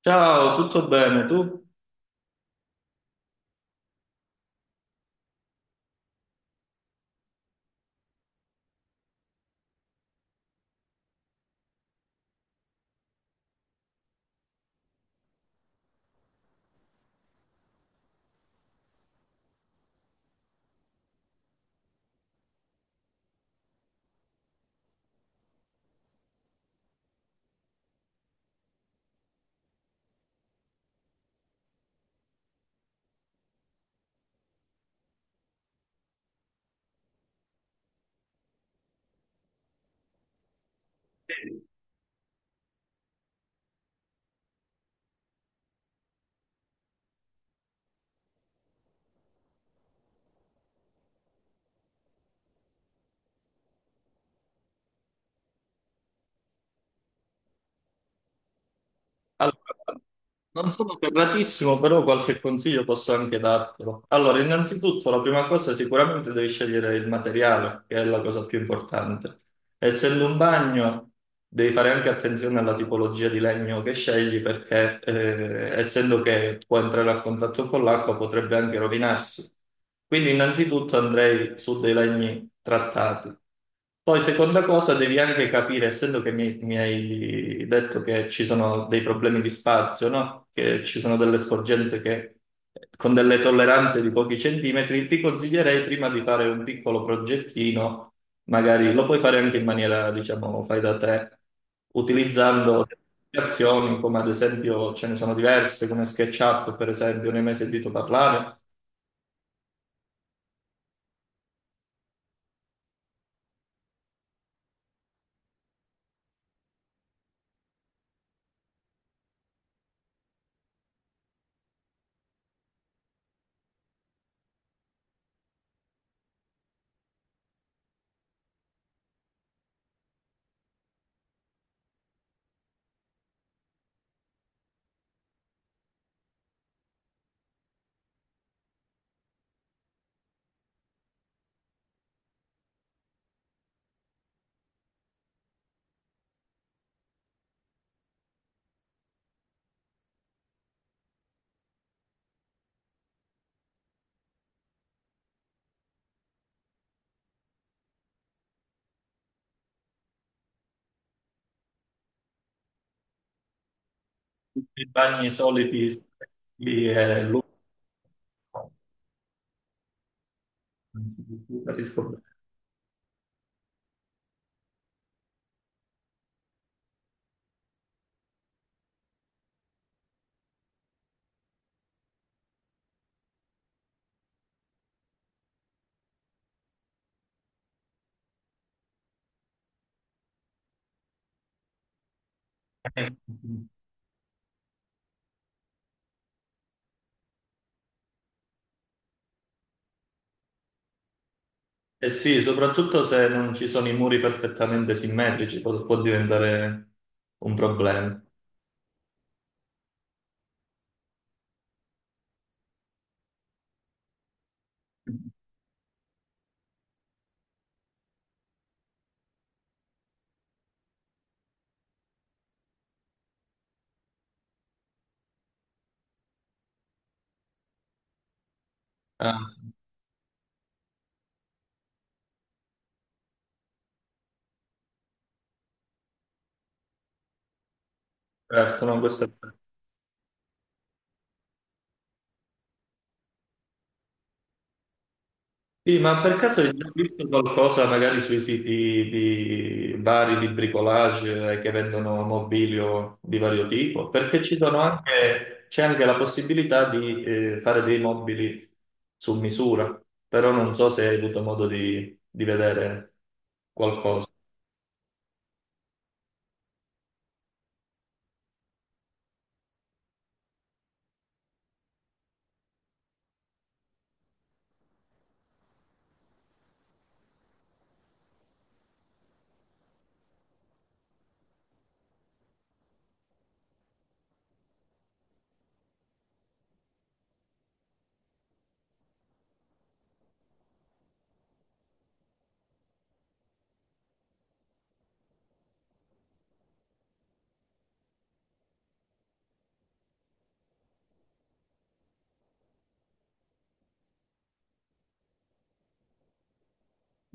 Ciao, tutto bene? Tu? Allora, non sono ferratissimo, però qualche consiglio posso anche dartelo. Allora, innanzitutto, la prima cosa sicuramente devi scegliere il materiale, che è la cosa più importante. Essendo un bagno, devi fare anche attenzione alla tipologia di legno che scegli perché, essendo che può entrare a contatto con l'acqua, potrebbe anche rovinarsi. Quindi, innanzitutto andrei su dei legni trattati. Poi, seconda cosa, devi anche capire, essendo che mi hai detto che ci sono dei problemi di spazio, no? Che ci sono delle sporgenze che con delle tolleranze di pochi centimetri, ti consiglierei prima di fare un piccolo progettino. Magari lo puoi fare anche in maniera, diciamo, fai da te, utilizzando delle applicazioni, come ad esempio ce ne sono diverse, come SketchUp, per esempio, ne hai mai sentito parlare? Tutti i bagni soliti lì è lungo, anzi, non capisco bene. Eh sì, soprattutto se non ci sono i muri perfettamente simmetrici, può diventare un problema. Ah, sì. Certo, no, questo è... Sì, ma per caso hai già visto qualcosa magari sui siti di vari di bricolage, che vendono mobilio di vario tipo? Perché ci sono anche, c'è anche la possibilità di fare dei mobili su misura, però non so se hai avuto modo di vedere.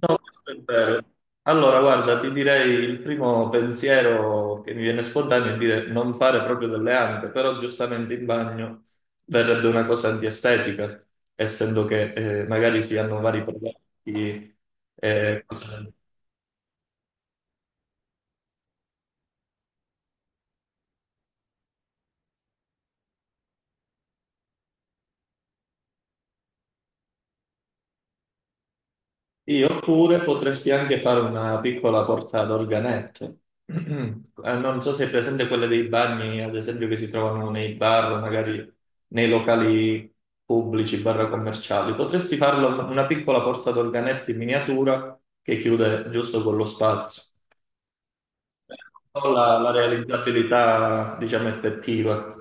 No, questo è vero. Allora, guarda, ti direi il primo pensiero che mi viene spontaneo è dire non fare proprio delle ante, però giustamente in bagno verrebbe una cosa di estetica, essendo che magari si hanno vari prodotti. eh, cose- Io oppure potresti anche fare una piccola porta ad organetto. Non so se è presente quelle dei bagni, ad esempio, che si trovano nei bar, magari nei locali pubblici, bar commerciali. Potresti farlo una piccola porta ad organetto in miniatura che chiude giusto con lo spazio. Non so la realizzabilità, diciamo, effettiva.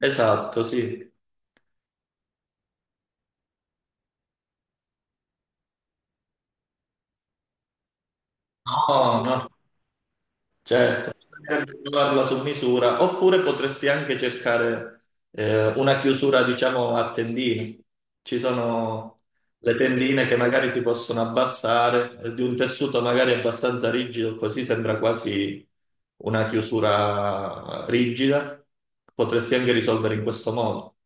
Esatto, sì. No, no. Certo, bisognerebbe trovarla su misura, oppure potresti anche cercare una chiusura, diciamo, a tendine. Ci sono le tendine che magari si possono abbassare, di un tessuto magari abbastanza rigido, così sembra quasi una chiusura rigida. Potresti anche risolvere in questo modo.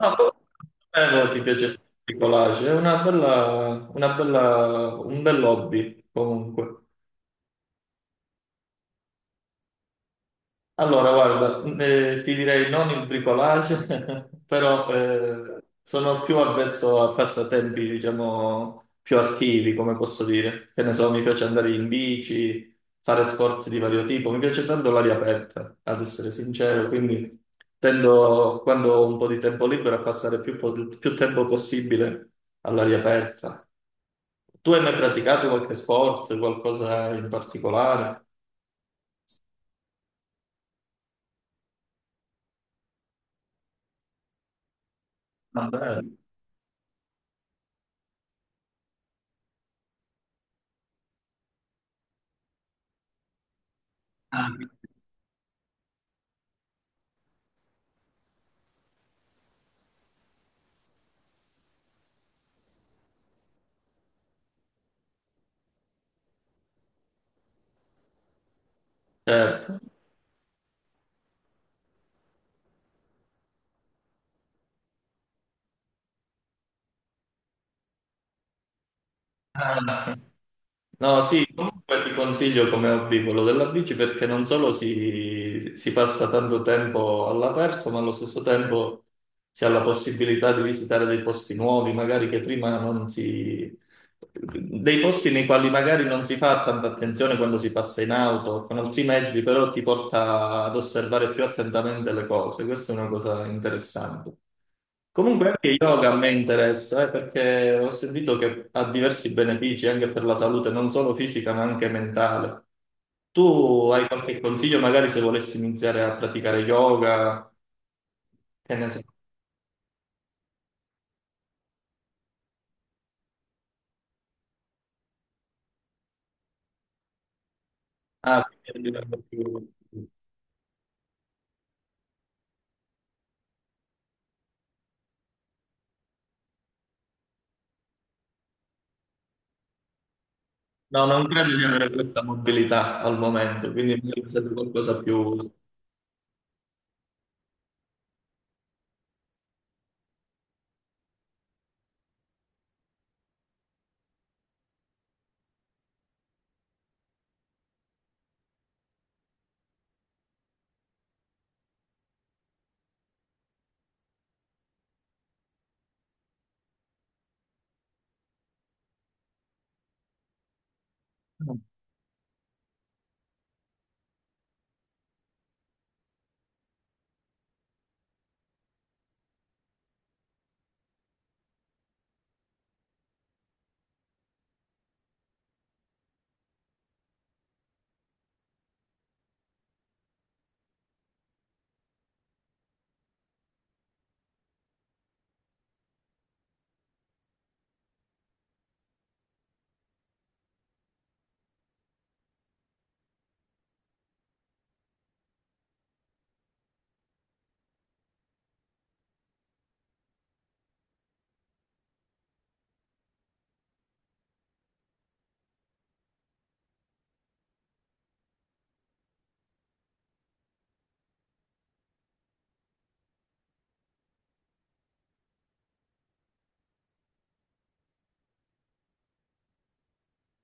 No, comunque, ti piace il collage, è una bella, un bel hobby comunque. Allora, guarda, ti direi non il bricolage, però sono più avvezzo a passatempi, diciamo, più attivi, come posso dire. Che ne so, mi piace andare in bici, fare sport di vario tipo, mi piace tanto l'aria aperta, ad essere sincero, quindi tendo, quando ho un po' di tempo libero, a passare più tempo possibile all'aria aperta. Tu hai mai praticato qualche sport, qualcosa in particolare? Vabbè. Ah, certo. Ah, no, sì, comunque ti consiglio come hobby quello della bici perché non solo si passa tanto tempo all'aperto, ma allo stesso tempo si ha la possibilità di visitare dei posti nuovi, magari che prima non si, dei posti nei quali magari non si fa tanta attenzione quando si passa in auto o con altri mezzi, però ti porta ad osservare più attentamente le cose. Questa è una cosa interessante. Comunque anche yoga a me interessa, perché ho sentito che ha diversi benefici anche per la salute, non solo fisica ma anche mentale. Tu hai qualche consiglio magari se volessi iniziare a praticare yoga? Che ne so. Ah, quindi a livello più- No, non credo di avere questa mobilità al momento, quindi mi serve qualcosa più...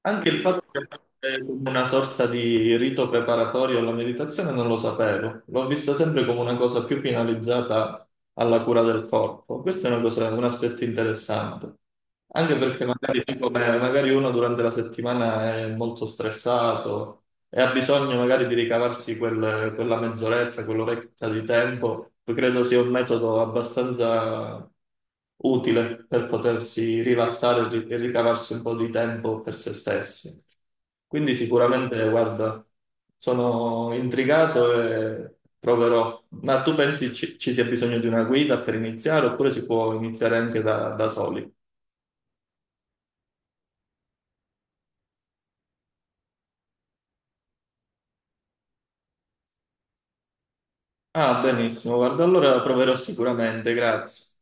Anche il fatto che fosse come una sorta di rito preparatorio alla meditazione non lo sapevo, l'ho vista sempre come una cosa più finalizzata alla cura del corpo. Questo è una cosa- Un aspetto interessante, anche perché magari, magari uno durante la settimana è molto stressato, e ha bisogno magari di ricavarsi quella mezz'oretta, quell'oretta di tempo, credo sia un metodo abbastanza utile per potersi rilassare e e ricavarsi un po' di tempo per se stessi. Quindi sicuramente, guarda, sono intrigato e proverò. Ma tu pensi ci sia bisogno di una guida per iniziare oppure si può iniziare anche da soli? Ah, benissimo, guarda, allora proverò sicuramente, grazie.